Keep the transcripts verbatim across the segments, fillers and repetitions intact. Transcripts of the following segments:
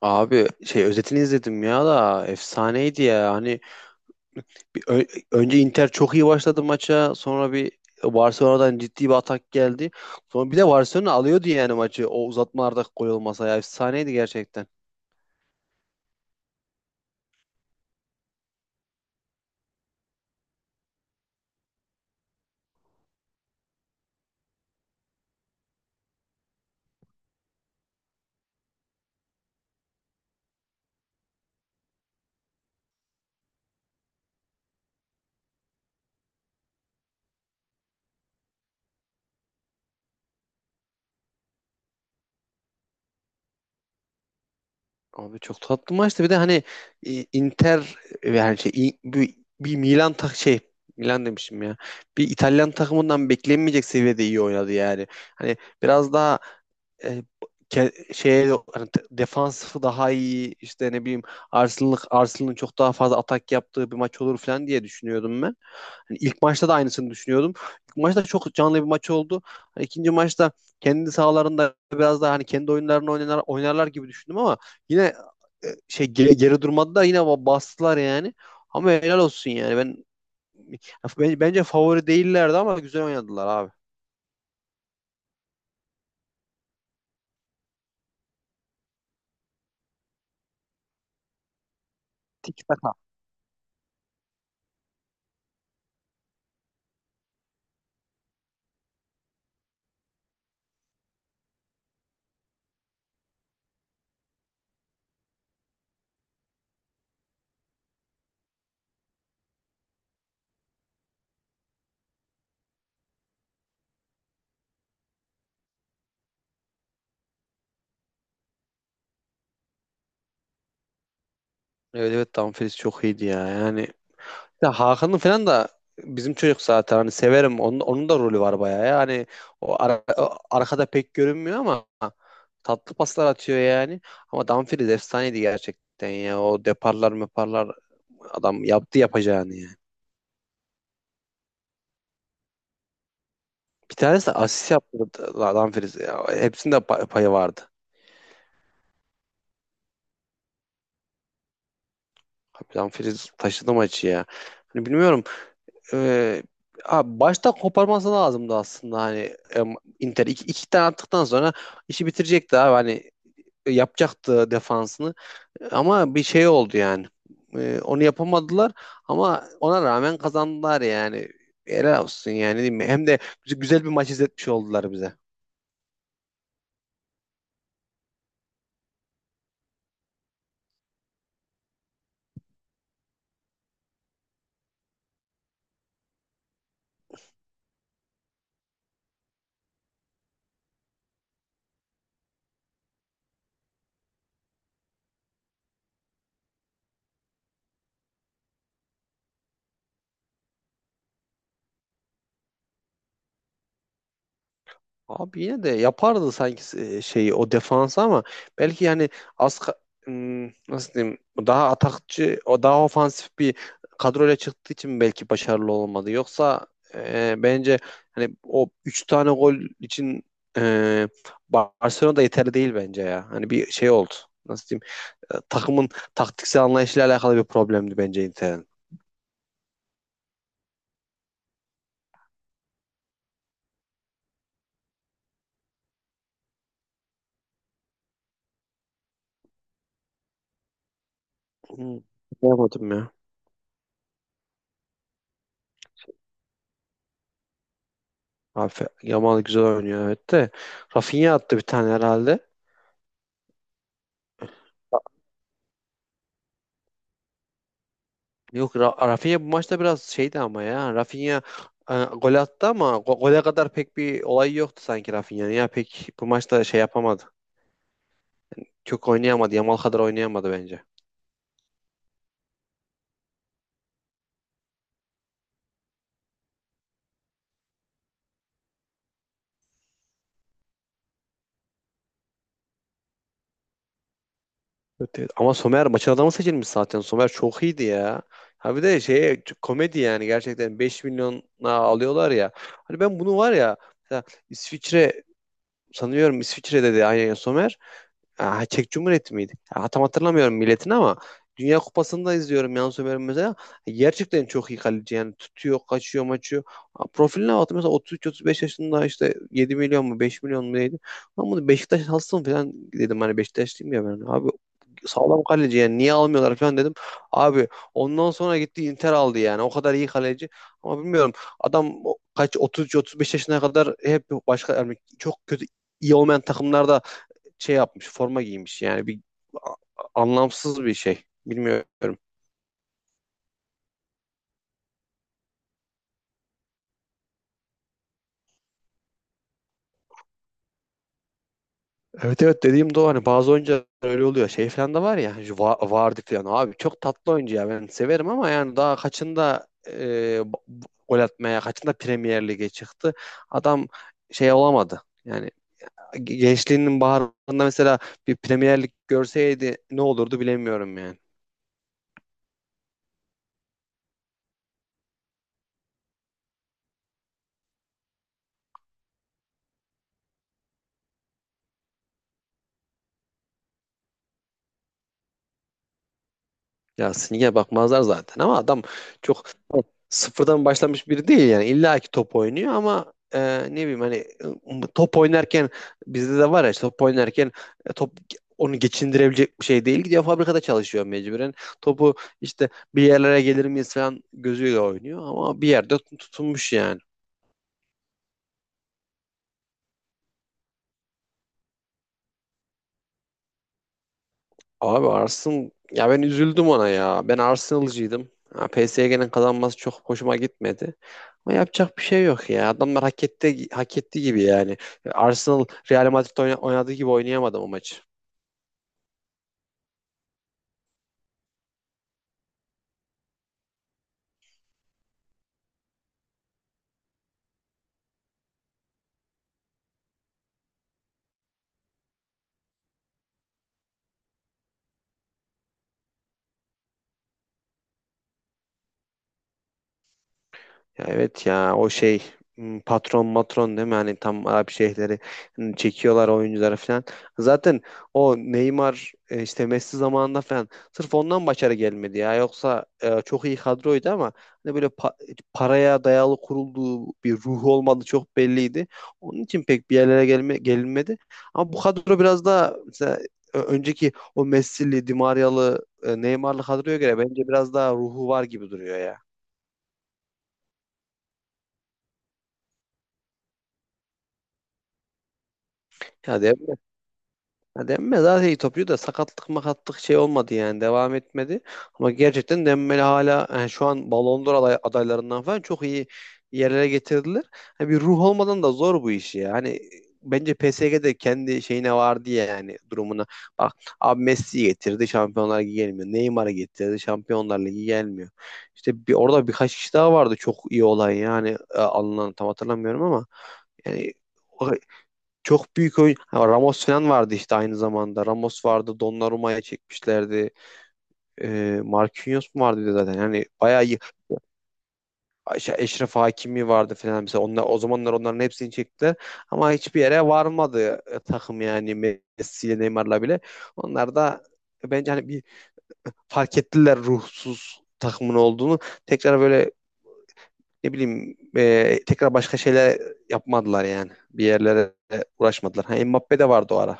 Abi şey özetini izledim ya da efsaneydi ya. Hani bir ö- önce Inter çok iyi başladı maça. Sonra bir Barcelona'dan ciddi bir atak geldi. Sonra bir de Barcelona alıyordu yani maçı. O uzatmalarda gol olmasa ya efsaneydi gerçekten. Abi çok tatlı maçtı. Bir de hani e, Inter e, yani şey i- bir, bir Milan tak şey Milan demişim ya. Bir İtalyan takımından beklenmeyecek seviyede iyi oynadı yani. Hani biraz daha e, ke- şeye hani te- defansı daha iyi işte ne bileyim Arsenal'ın Arsenal'ın çok daha fazla atak yaptığı bir maç olur falan diye düşünüyordum ben. Hani ilk maçta da aynısını düşünüyordum. İlk maçta çok canlı bir maç oldu. Hani ikinci maçta kendi sahalarında biraz daha hani kendi oyunlarını oynar, oynarlar gibi düşündüm ama yine e, şey geri, geri durmadılar yine ba- bastılar yani. Ama helal olsun yani. Ben ben- bence favori değillerdi ama güzel oynadılar abi. Tiki taka. Evet evet, Dumfries çok iyiydi ya. Yani ya Hakan'ın falan da bizim çocuk zaten hani severim. Onun, onun da rolü var bayağı. Yani o, ara- o arkada pek görünmüyor ama tatlı paslar atıyor yani. Ama Dumfries efsaneydi gerçekten ya. O deparlar meparlar adam yaptı yapacağını yani. Bir tanesi de asist yaptı da- Dumfries. Ya, hepsinde pa- payı vardı. Abi Dumfries taşıdı maçı ya. Hani bilmiyorum. Ee, Abi başta koparması lazımdı aslında hani em, Inter iki, iki tane attıktan sonra işi bitirecekti abi hani yapacaktı defansını ama bir şey oldu yani. E, onu yapamadılar ama ona rağmen kazandılar yani. Helal olsun yani, değil mi? Hem de güzel bir maç izletmiş oldular bize. Abi yine de yapardı sanki e, şeyi o defansı ama belki yani az ka- hmm, nasıl diyeyim, daha atakçı o daha ofansif bir kadroyla çıktığı için belki başarılı olmadı. Yoksa e, bence hani o üç tane gol için e, Barcelona da yeterli değil bence ya. Hani bir şey oldu. Nasıl diyeyim, e, takımın taktiksel anlayışıyla alakalı bir problemdi bence Inter'in. Hmm, Yapamadım ya. Abi Fe- Yamal güzel oynuyor evet de. Rafinha attı bir tane herhalde. Yok, Ra- Rafinha bu maçta biraz şeydi ama ya. Rafinha e, gol attı ama go- gole kadar pek bir olay yoktu sanki Rafinha'nın. Ya pek bu maçta şey yapamadı. Çok oynayamadı. Yamal kadar oynayamadı bence. Evet, evet. Ama Somer maçın adamı seçilmiş zaten. Somer çok iyiydi ya. Ha, bir de şey komedi yani, gerçekten beş milyona alıyorlar ya. Hani ben bunu var ya, mesela İsviçre, sanıyorum İsviçre'de de aynen Somer. Aa, Çek Cumhuriyeti miydi? Ya, tam hatırlamıyorum milletini ama Dünya Kupası'nda izliyorum Yann Sommer'i mesela. Gerçekten çok iyi kaleci yani, tutuyor, kaçıyor, maçıyor. Aa, profiline baktım mesela, otuz üç otuz beş yaşında işte, yedi milyon mu beş milyon mu neydi? Lan bunu Beşiktaş alsın falan dedim, hani Beşiktaşlıyım ya ben. Abi sağlam kaleci yani, niye almıyorlar falan dedim. Abi ondan sonra gitti Inter aldı yani, o kadar iyi kaleci. Ama bilmiyorum, adam o- kaç otuz üç otuz beş yaşına kadar hep başka yani çok kötü, iyi olmayan takımlarda şey yapmış, forma giymiş. Yani bir anlamsız bir şey. Bilmiyorum. Evet evet, dediğim de o, hani bazı oyuncular öyle oluyor. Şey falan da var ya, Va- Vardy falan, abi çok tatlı oyuncu ya, ben severim ama yani daha kaçında e, gol atmaya, kaçında Premier Lig'e çıktı. Adam şey olamadı. Yani gençliğinin baharında mesela bir Premier Lig görseydi ne olurdu bilemiyorum yani. Ya Sinige bakmazlar zaten ama adam çok sıfırdan başlamış biri değil yani. İlla ki top oynuyor ama e, ne bileyim hani e, top oynarken, bizde de var ya işte, top oynarken e, top onu geçindirebilecek bir şey değil. Gidiyor fabrikada çalışıyor mecburen. Topu işte bir yerlere gelir miyiz falan gözüyle oynuyor ama bir yerde tutunmuş yani. Abi Arslan, ya ben üzüldüm ona ya. Ben Arsenal'cıydım. Ha, P S G'nin kazanması çok hoşuma gitmedi. Ama yapacak bir şey yok ya. Adamlar hak etti, hak etti gibi yani. Arsenal, Real Madrid oyna- oynadığı gibi oynayamadı o maçı. Ya evet ya, o şey m, patron matron, değil mi? Hani tam Arap şeyhleri m, çekiyorlar oyuncuları falan. Zaten o Neymar e, işte Messi zamanında falan sırf ondan başarı gelmedi ya. Yoksa e, çok iyi kadroydu ama hani böyle pa- paraya dayalı kurulduğu, bir ruhu olmadığı çok belliydi. Onun için pek bir yerlere gelme gelinmedi. Ama bu kadro biraz daha, mesela ö- önceki o Messi'li, Di Maria'lı, e, Neymar'lı kadroya göre bence biraz daha ruhu var gibi duruyor ya. Ya de Ya Dembele zaten iyi topçu da sakatlık makatlık şey olmadı yani, devam etmedi. Ama gerçekten Dembele hala yani şu an Ballon d'Or aday- adaylarından falan çok iyi yerlere getirdiler. Hani bir ruh olmadan da zor bu işi ya. Hani bence P S G'de kendi şeyine var diye, yani durumuna. Bak abi, Messi'yi getirdi Şampiyonlar Ligi gelmiyor. Neymar'ı getirdi Şampiyonlar Ligi gelmiyor. İşte bir, orada birkaç kişi daha vardı çok iyi olan yani, e, alınan, tam hatırlamıyorum ama yani çok büyük oyun. Ha, Ramos falan vardı işte aynı zamanda. Ramos vardı. Donnarumma'ya çekmişlerdi. Ee, Marquinhos mu vardı bir de zaten. Yani bayağı iyi. Ayşe- Eşref Hakimi vardı falan. Mesela onlar, o zamanlar onların hepsini çektiler. Ama hiçbir yere varmadı e, takım yani, Messi ile Neymar'la bile. Onlar da bence hani bir fark ettiler ruhsuz takımın olduğunu. Tekrar böyle ne bileyim e, tekrar başka şeyler yapmadılar yani. Bir yerlere uğraşmadılar. Ha, Mbappe de vardı o ara.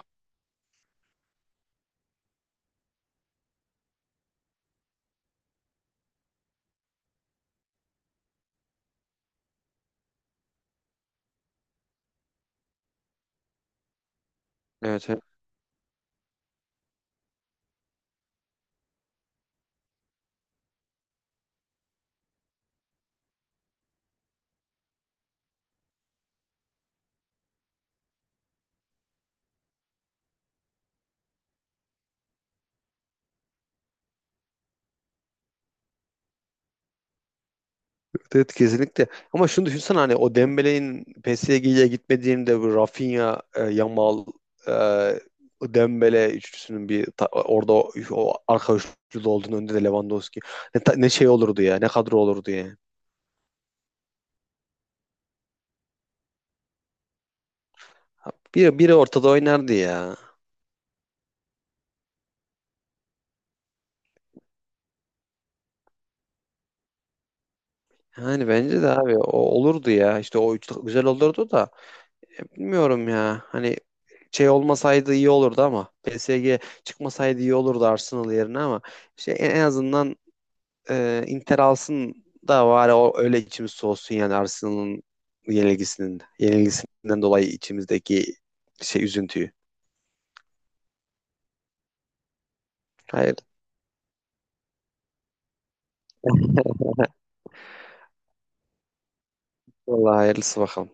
Evet evet. Evet evet, kesinlikle. Ama şunu düşünsene, hani o Dembele'nin P S G'ye gitmediğinde, bu Rafinha, e, Yamal, e, Dembele üçlüsünün, bir ta- orada o, o arka üçlü olduğunu, önde de Lewandowski. Ne, ta- ne şey olurdu ya, ne kadro olurdu ya. Biri, biri ortada oynardı ya. Yani bence de abi o olurdu ya. İşte o üçlü güzel olurdu da e, bilmiyorum ya. Hani şey olmasaydı iyi olurdu ama P S G çıkmasaydı iyi olurdu Arsenal yerine, ama şey, en en azından e, Inter alsın da var ya, o öyle içimiz soğusun yani Arsenal'ın yenilgisinin yenilgisinden dolayı içimizdeki şey üzüntüyü. Hayır. Vallahi hayırlısı bakalım.